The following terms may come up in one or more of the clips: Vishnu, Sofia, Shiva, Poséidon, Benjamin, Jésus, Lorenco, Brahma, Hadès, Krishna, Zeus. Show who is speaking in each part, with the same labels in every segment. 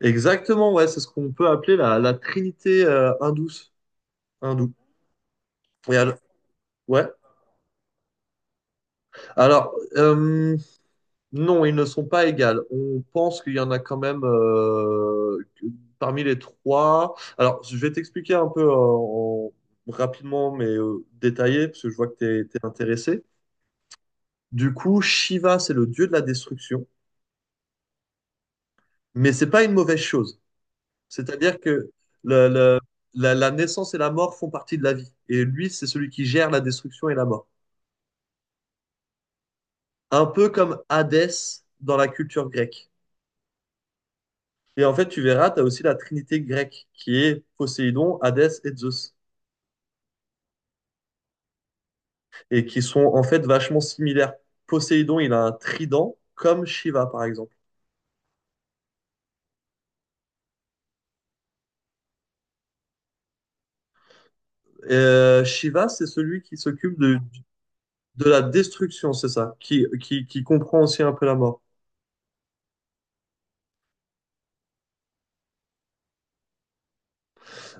Speaker 1: Exactement, ouais, c'est ce qu'on peut appeler la trinité hindoue. Et al- ouais. Alors, euh, non, ils ne sont pas égales. On pense qu'il y en a quand même parmi les trois. Alors, je vais t'expliquer un peu rapidement, mais détaillé, parce que je vois que tu es intéressé. Du coup, Shiva, c'est le dieu de la destruction, mais c'est pas une mauvaise chose. C'est-à-dire que le, le- la naissance et la mort font partie de la vie. Et lui, c'est celui qui gère la destruction et la mort. Un peu comme Hadès dans la culture grecque. Et en fait, tu verras, tu as aussi la trinité grecque qui est Poséidon, Hadès et Zeus, et qui sont en fait vachement similaires. Poséidon, il a un trident, comme Shiva, par exemple. Shiva, c'est celui qui de la destruction, c'est ça, qui, qui comprend aussi un peu la mort.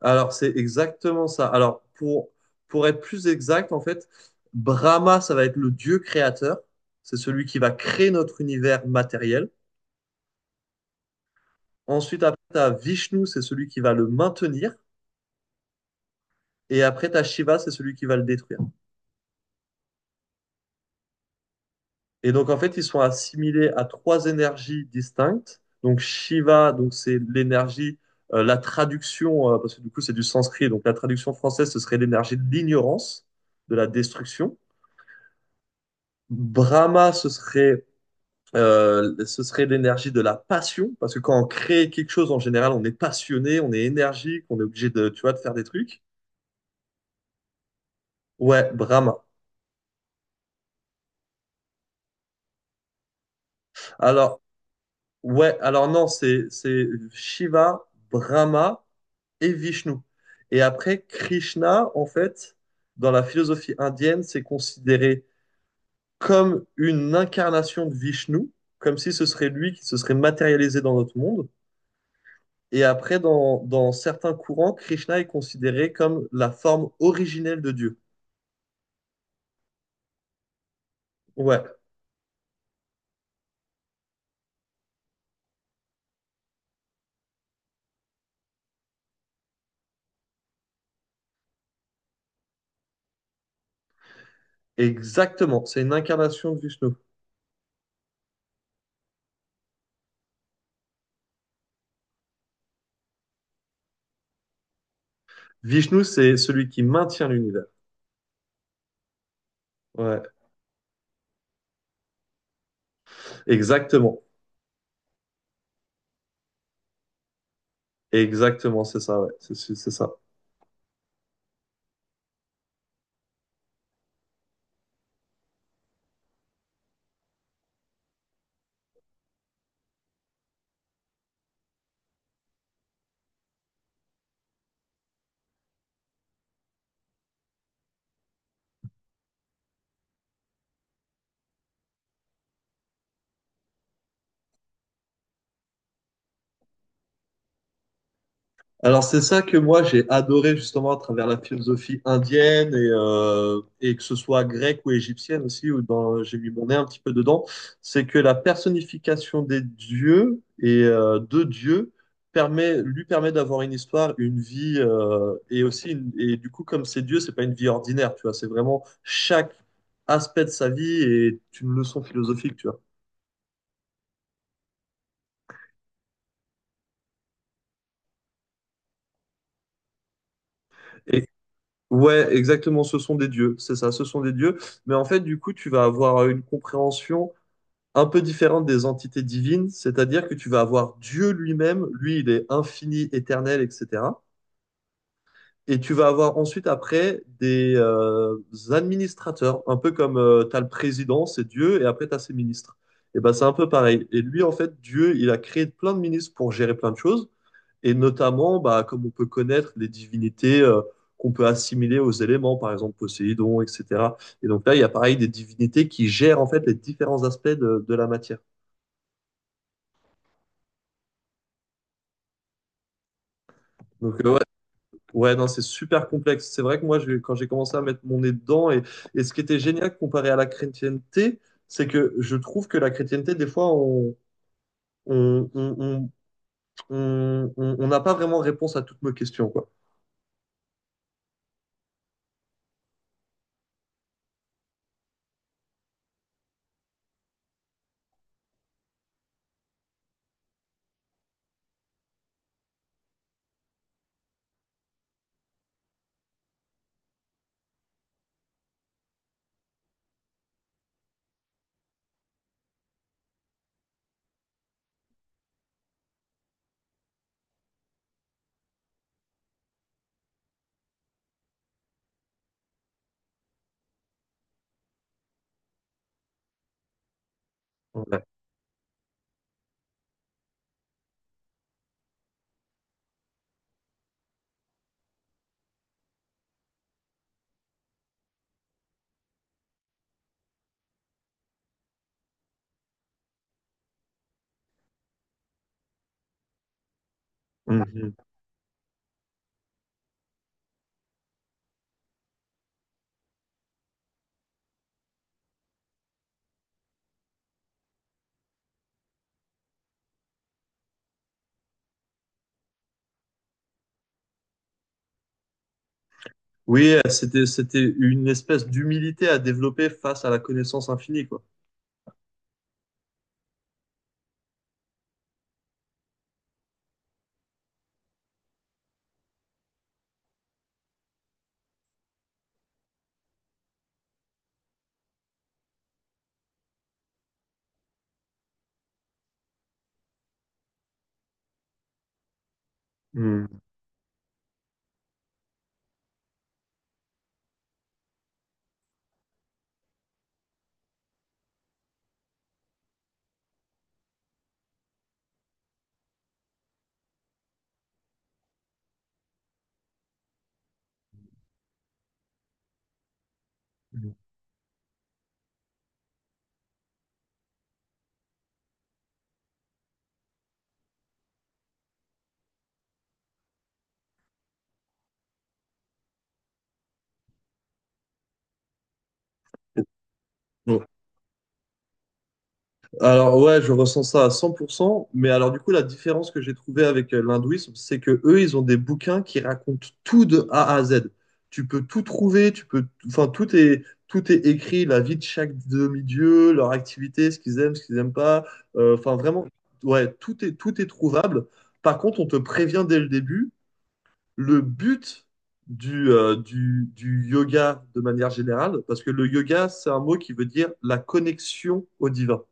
Speaker 1: Alors, c'est exactement ça. Pour être plus exact, en fait, Brahma, ça va être le dieu créateur, c'est celui qui va créer notre univers matériel. Ensuite, après, tu as Vishnu, c'est celui qui va le maintenir. Et après, tu as Shiva, c'est celui qui va le détruire. Et donc, en fait, ils sont assimilés à trois énergies distinctes. Donc, Shiva, donc c'est l'énergie, la traduction, parce que du coup, c'est du sanskrit. Donc, la traduction française, ce serait l'énergie de l'ignorance, de la destruction. Brahma, ce serait, ce serait l'énergie de la passion, parce que quand on crée quelque chose, en général, on est passionné, on est énergique, on est obligé de, tu vois, de faire des trucs. Ouais, Brahma. Alors, ouais, alors non, c'est Shiva, Brahma et Vishnu. Et après, Krishna, en fait, dans la philosophie indienne, c'est considéré comme une incarnation de Vishnu, comme si ce serait lui qui se serait matérialisé dans notre monde. Et après, dans certains courants, Krishna est considéré comme la forme originelle de Dieu. Ouais, exactement. C'est une incarnation de Vishnu. Vishnu, c'est celui qui maintient l'univers. Ouais, exactement. Exactement, c'est ça, ouais. C'est ça. Alors c'est ça que moi j'ai adoré justement à travers la philosophie indienne et que ce soit grecque ou égyptienne aussi, où dans, j'ai mis mon nez un petit peu dedans, c'est que la personnification des dieux et de Dieu permet, lui permet d'avoir une histoire, une vie et aussi et du coup comme c'est Dieu, c'est pas une vie ordinaire, tu vois, c'est vraiment chaque aspect de sa vie est une leçon philosophique, tu vois. Et, Ouais, exactement, ce sont des dieux, c'est ça, ce sont des dieux. Mais en fait, du coup, tu vas avoir une compréhension un peu différente des entités divines, c'est-à-dire que tu vas avoir Dieu lui-même, lui, il est infini, éternel, etc. Et tu vas avoir ensuite après des administrateurs, un peu comme tu as le président, c'est Dieu, et après tu as ses ministres. Et ben c'est un peu pareil. Et lui, en fait, Dieu, il a créé plein de ministres pour gérer plein de choses. Et notamment, bah, comme on peut connaître les divinités qu'on peut assimiler aux éléments, par exemple Poséidon, etc. Et donc là, il y a pareil des divinités qui gèrent en fait les différents aspects de la matière. Donc euh, ouais, ouais, non, c'est super complexe. C'est vrai que moi, quand j'ai commencé à mettre mon nez dedans, et ce qui était génial comparé à la chrétienté, c'est que je trouve que la chrétienté, des fois, on on on on n'a pas vraiment réponse à toutes nos questions, quoi. Ouais. Mhm. Oui, c'était une espèce d'humilité à développer face à la connaissance infinie, quoi. Hmm. Hmm. Bon. Alors ouais, je ressens ça à 100%, mais alors du coup, la différence que j'ai trouvée avec l'hindouisme, c'est que eux, ils ont des bouquins qui racontent tout de A à Z. Tu peux tout trouver, tu peux, enfin, tout est écrit, la vie de chaque demi-dieu, leur activité, ce qu'ils aiment, ce qu'ils n'aiment pas. Enfin, vraiment, ouais, tout est trouvable. Par contre, on te prévient dès le début. Le but du yoga de manière générale, parce que le yoga, c'est un mot qui veut dire la connexion au divin.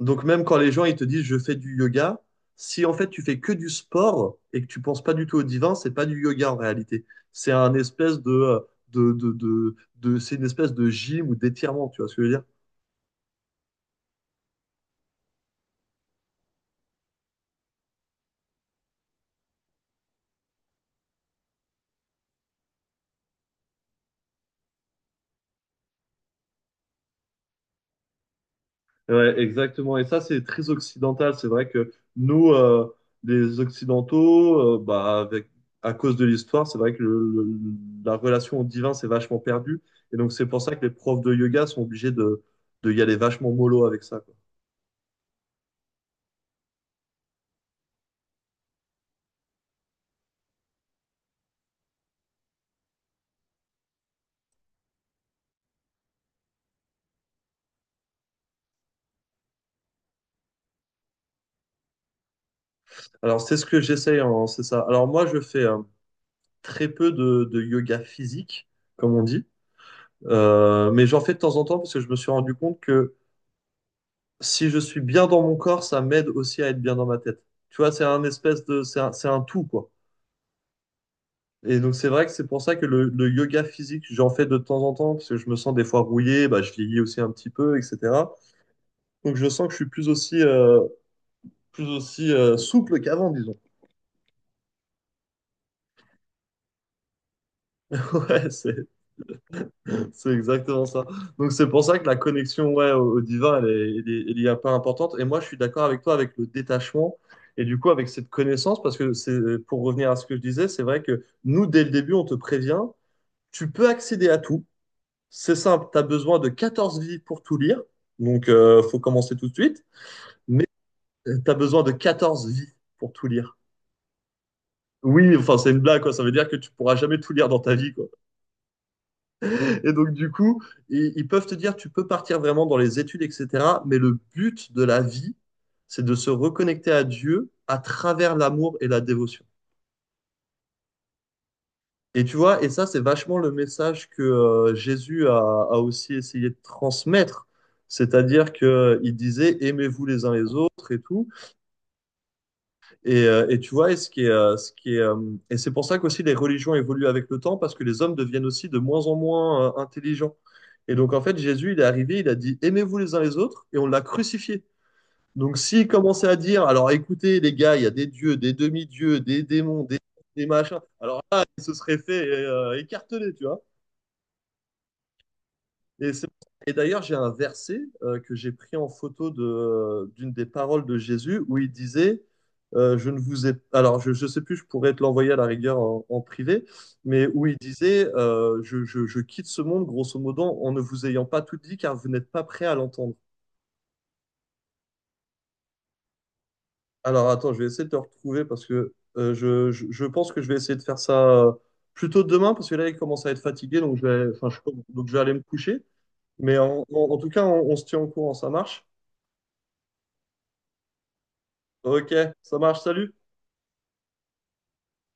Speaker 1: Donc même quand les gens ils te disent je fais du yoga, si en fait tu fais que du sport et que tu penses pas du tout au divin, c'est pas du yoga en réalité. C'est un espèce de, de, de, de- C'est une espèce de gym ou d'étirement, tu vois ce que je veux dire? Ouais, exactement. Et ça, c'est très occidental. C'est vrai que nous, les Occidentaux, bah, avec, à cause de l'histoire, c'est vrai que la relation au divin s'est vachement perdue. Et donc, c'est pour ça que les profs de yoga sont obligés de y aller vachement mollo avec ça, quoi. Alors, c'est ce que j'essaye, c'est ça. Alors, moi, je fais très peu de yoga physique, comme on dit. Mais j'en fais de temps en temps parce que je me suis rendu compte que si je suis bien dans mon corps, ça m'aide aussi à être bien dans ma tête. Tu vois, c'est un tout, quoi. Et donc, c'est vrai que c'est pour ça que le yoga physique, j'en fais de temps en temps, parce que je me sens des fois rouillé, bah, je vieillis aussi un petit peu, etc. Donc, je sens que je suis plus aussi souple qu'avant, disons. Ouais, c'est, C'est exactement ça. Donc c'est pour ça que la connexion ouais, au divin, elle est un peu importante. Et moi, je suis d'accord avec toi avec le détachement et du coup avec cette connaissance, parce que c'est, pour revenir à ce que je disais, c'est vrai que nous, dès le début, on te prévient, tu peux accéder à tout. C'est simple, tu as besoin de 14 vies pour tout lire. Faut commencer tout de suite, mais tu as besoin de 14 vies pour tout lire. Oui, enfin c'est une blague, quoi. Ça veut dire que tu pourras jamais tout lire dans ta vie, quoi. Et donc, du coup, ils peuvent te dire, tu peux partir vraiment dans les études, etc. Mais le but de la vie, c'est de se reconnecter à Dieu à travers l'amour et la dévotion. Et tu vois, et ça, c'est vachement le message que Jésus a aussi essayé de transmettre. C'est-à-dire qu'il disait, aimez-vous les uns les autres et tout. Et tu vois, et ce qui est, Et c'est pour ça qu'aussi les religions évoluent avec le temps, parce que les hommes deviennent aussi de moins en moins intelligents. Et donc, en fait, Jésus, il est arrivé, il a dit, aimez-vous les uns les autres, et on l'a crucifié. Donc, s'il commençait à dire, alors écoutez, les gars, il y a des dieux, des demi-dieux, des démons, des machins, alors là, il se serait fait écarteler, tu vois. Et, c'est- et d'ailleurs, j'ai un verset que j'ai pris en photo de, d'une des paroles de Jésus où il disait, je ne vous ai, alors je ne sais plus, je pourrais te l'envoyer à la rigueur en, en privé, mais où il disait, je quitte ce monde, grosso modo, en ne vous ayant pas tout dit, car vous n'êtes pas prêt à l'entendre. Alors attends, je vais essayer de te retrouver parce que je pense que je vais essayer de faire ça plutôt demain, parce que là, il commence à être fatigué, donc je vais, enfin, je sais pas, donc je vais aller me coucher. Mais en tout cas, on se tient au courant, ça marche. Ok, ça marche, salut.